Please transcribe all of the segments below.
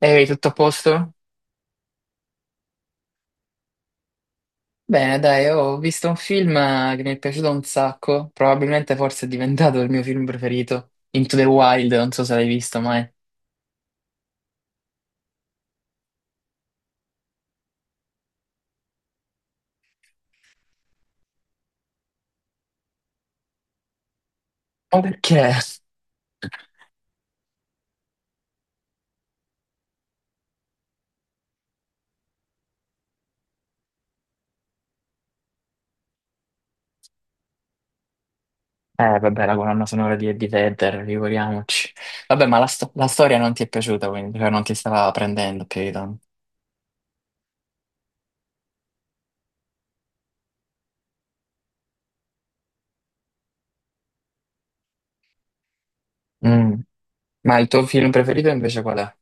Ehi, tutto a posto? Bene, dai, ho visto un film che mi è piaciuto un sacco, probabilmente forse è diventato il mio film preferito, Into the Wild, non so se l'hai visto mai. Ma perché? Vabbè, la colonna sonora di Eddie Vedder, figuriamoci. Vabbè, ma la storia non ti è piaciuta, quindi, cioè non ti stava prendendo più di tanto. Mm. Ma il tuo film preferito invece qual è?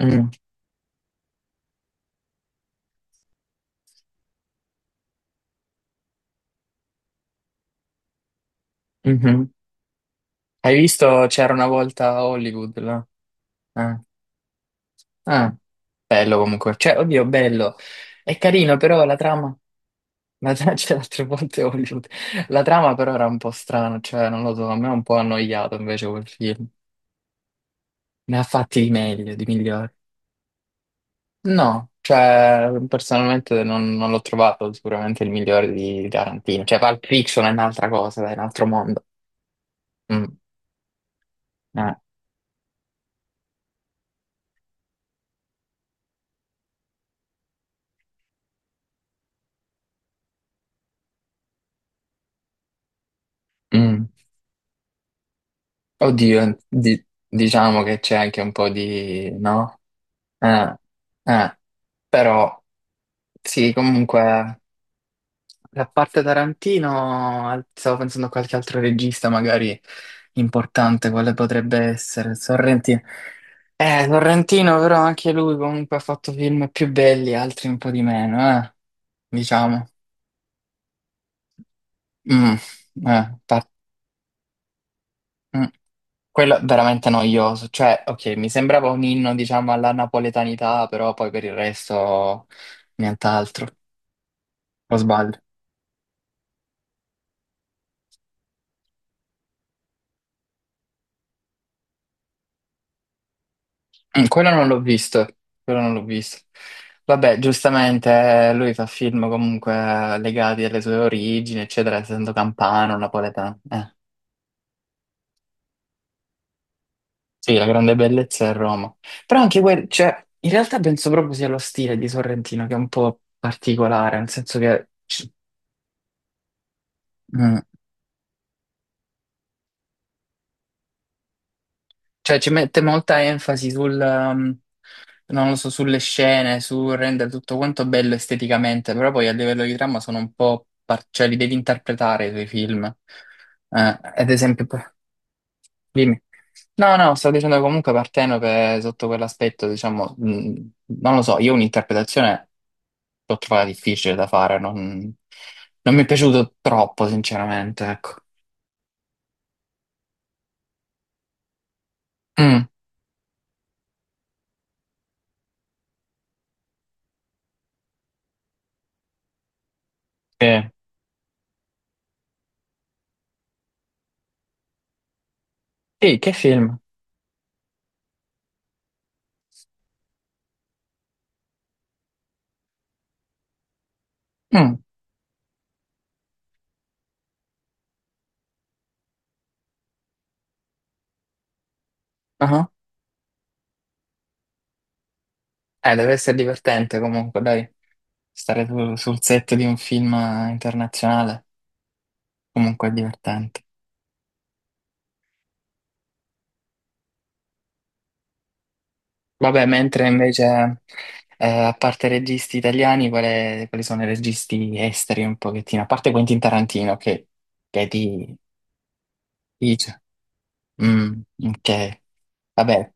Mm, mhm. Hai visto C'era una volta a Hollywood, là? Ah, ah, bello comunque. Cioè, oddio, bello. È carino, però la trama. Ma già c'era tre volte Hollywood. La trama però era un po' strana, cioè non lo so, a me è un po' annoiato invece quel film. Ne ha fatti di meglio, di migliori. No, cioè personalmente non l'ho trovato sicuramente il migliore di Tarantino. Cioè Pulp Fiction è un'altra cosa, dai, è un altro mondo. Mm, eh, mm. Oddio, diciamo che c'è anche un po' di, no? Eh, eh, però sì, comunque. E a parte Tarantino, stavo pensando a qualche altro regista magari importante, quale potrebbe essere Sorrentino. Sorrentino però anche lui comunque ha fatto film più belli, altri un po' di meno, diciamo. Mm, eh, par- mm. Quello è veramente noioso, cioè, ok, mi sembrava un inno, diciamo, alla napoletanità, però poi per il resto nient'altro, o sbaglio? Mm. Quello non l'ho visto, quello non l'ho visto. Vabbè, giustamente lui fa film comunque legati alle sue origini, eccetera, essendo campano, napoletano. Sì, la grande bellezza è Roma. Però anche quel, cioè, in realtà penso proprio sia lo stile di Sorrentino che è un po' particolare, nel senso che, mm, cioè, ci mette molta enfasi sul, non lo so, sulle scene, su rendere tutto quanto bello esteticamente, però poi a livello di trama sono un po' cioè li devi interpretare i tuoi film. Ad esempio, dimmi. No, no, sto dicendo comunque Partenope sotto quell'aspetto, diciamo, non lo so, io un'interpretazione l'ho trovata difficile da fare, non mi è piaciuto troppo, sinceramente, ecco. Mm, sì. Sì, che film? Mm, ah, deve essere divertente comunque, dai. Stare sul set di un film internazionale comunque è divertente. Vabbè, mentre invece, a parte registi italiani, quali sono i registi esteri un pochettino? A parte Quentin Tarantino, che ti dice. Mm, ok, vabbè.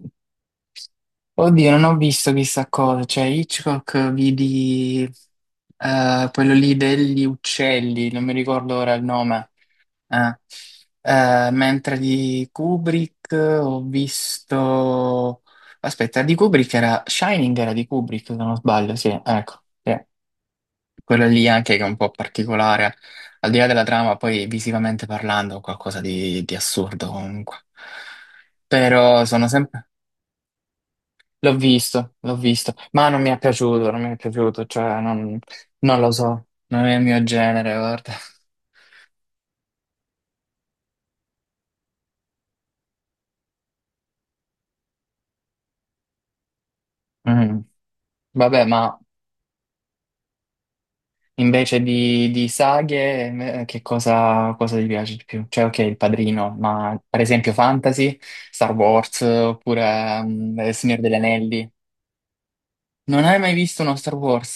Oddio, non ho visto chissà cosa, cioè Hitchcock vidi quello lì degli uccelli, non mi ricordo ora il nome. Ah. Mentre di Kubrick ho visto. Aspetta, di Kubrick era. Shining era di Kubrick, se non sbaglio, sì, ecco. Sì. Quella lì anche che è un po' particolare, al di là della trama, poi visivamente parlando, qualcosa di assurdo comunque. Però sono sempre. L'ho visto, ma non mi è piaciuto, non mi è piaciuto, cioè non lo so, non è il mio genere, guarda. Mm. Vabbè, ma. Invece di saghe, che cosa ti piace di più? Cioè, ok, Il Padrino, ma per esempio fantasy, Star Wars, oppure Il Signore degli Anelli. Non hai mai visto uno Star Wars?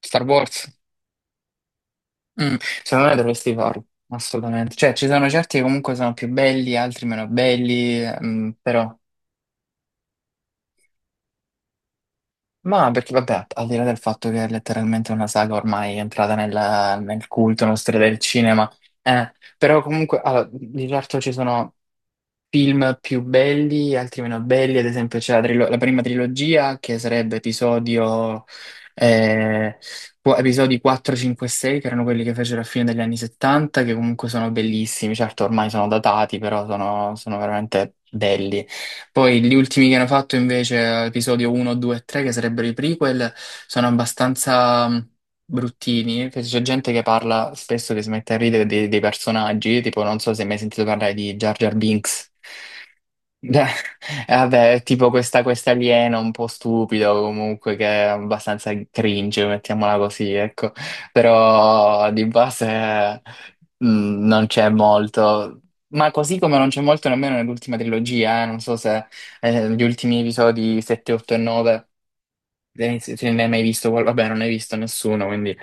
Star Wars? Mm, secondo me dovresti farlo, assolutamente. Cioè, ci sono certi che comunque sono più belli, altri meno belli, però. Ma perché vabbè, al di là del fatto che è letteralmente una saga ormai è entrata nel culto, nella storia del cinema, però comunque, allora, di certo ci sono film più belli, altri meno belli, ad esempio c'è la prima trilogia che sarebbe eh, episodi 4, 5 e 6, che erano quelli che fecero a fine degli anni 70, che comunque sono bellissimi, certo ormai sono datati, però sono veramente belli. Poi gli ultimi che hanno fatto invece, episodio 1, 2 e 3, che sarebbero i prequel, sono abbastanza bruttini, che c'è gente che parla spesso che si mette a ridere dei personaggi, tipo non so se hai mai sentito parlare di Jar Jar Binks. Beh, Vabbè, è tipo questa aliena un po' stupido comunque che è abbastanza cringe, mettiamola così, ecco. Però di base non c'è molto. Ma così come non c'è molto nemmeno nell'ultima trilogia, non so se gli ultimi episodi 7, 8 e 9. Se ne hai mai visto. Vabbè, non hai visto nessuno, quindi.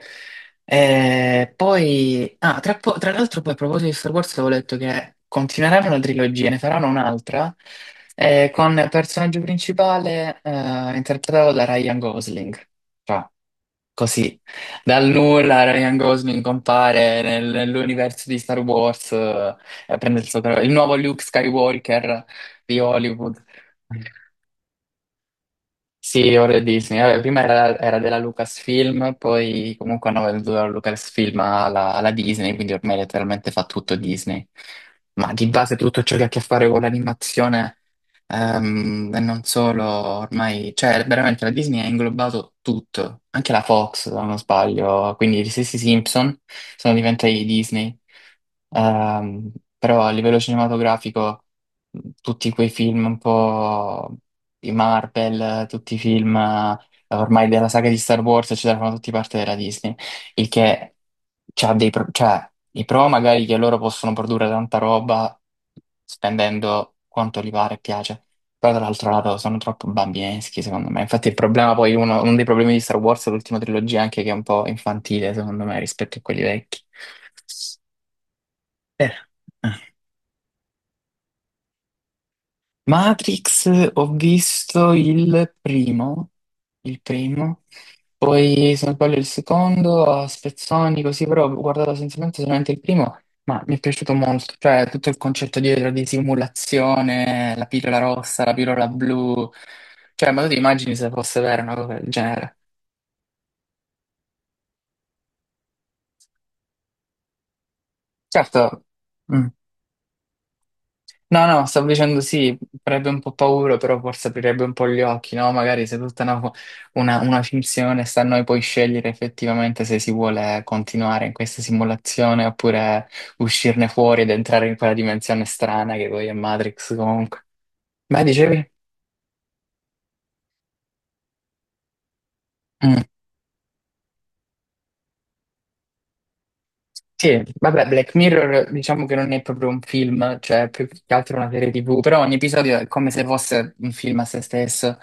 Poi... Ah, tra l'altro poi a proposito di Star Wars avevo letto che continueranno la trilogia, ne faranno un'altra, con personaggio principale interpretato da Ryan Gosling. Cioè, così. Dal nulla Ryan Gosling compare nell'universo di Star Wars e prende il suo, il nuovo Luke Skywalker di Hollywood. Sì, ora è Disney. Vabbè, prima era della Lucasfilm, poi comunque hanno venduto la Lucasfilm alla Disney, quindi ormai letteralmente fa tutto Disney. Ma di base tutto ciò che ha a che fare con l'animazione, e non solo, ormai, cioè veramente la Disney ha inglobato tutto, anche la Fox, se non sbaglio, quindi gli stessi Simpson sono diventati Disney. Ehm, Però a livello cinematografico tutti quei film un po' di Marvel, tutti i film ormai della saga di Star Wars, eccetera, fanno tutti parte della Disney, il che c'ha dei pro, cioè, i pro magari che loro possono produrre tanta roba spendendo quanto gli pare e piace. Però dall'altro lato sono troppo bambineschi, secondo me. Infatti il problema poi, uno dei problemi di Star Wars, è l'ultima trilogia, anche che è un po' infantile, secondo me, rispetto a quelli vecchi. Eh. Matrix, ho visto il primo, poi se non sbaglio il secondo, a spezzoni così, però ho guardato essenzialmente solamente il primo, ma mi è piaciuto molto, cioè tutto il concetto dietro di simulazione, la pillola rossa, la pillola blu, cioè ma tu ti immagini se fosse vera una cosa del genere? Certo, mm. No, no, stavo dicendo sì, farebbe un po' paura, però forse aprirebbe un po' gli occhi, no? Magari se tutta una finzione sta a noi poi scegliere effettivamente se si vuole continuare in questa simulazione oppure uscirne fuori ed entrare in quella dimensione strana che poi è Matrix comunque. Ma dicevi? Mm. Sì, vabbè, Black Mirror diciamo che non è proprio un film, cioè è più che altro una serie TV, però ogni episodio è come se fosse un film a se stesso.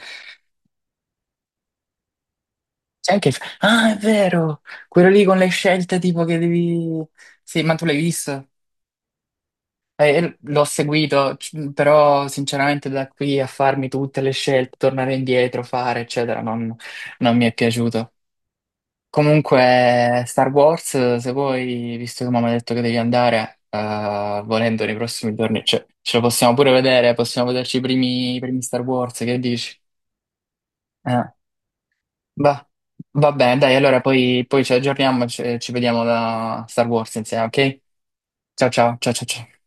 Sai che, ah, è vero! Quello lì con le scelte tipo che devi. Sì, ma tu l'hai visto? L'ho seguito, però sinceramente da qui a farmi tutte le scelte, tornare indietro, fare, eccetera, non mi è piaciuto. Comunque, Star Wars, se vuoi, visto che mamma ha detto che devi andare, volendo nei prossimi giorni, ce lo possiamo pure vedere, possiamo vederci i primi Star Wars, che dici? Eh. Va, va bene, dai, allora poi ci aggiorniamo e ci vediamo da Star Wars insieme, ok? Ciao ciao ciao ciao ciao.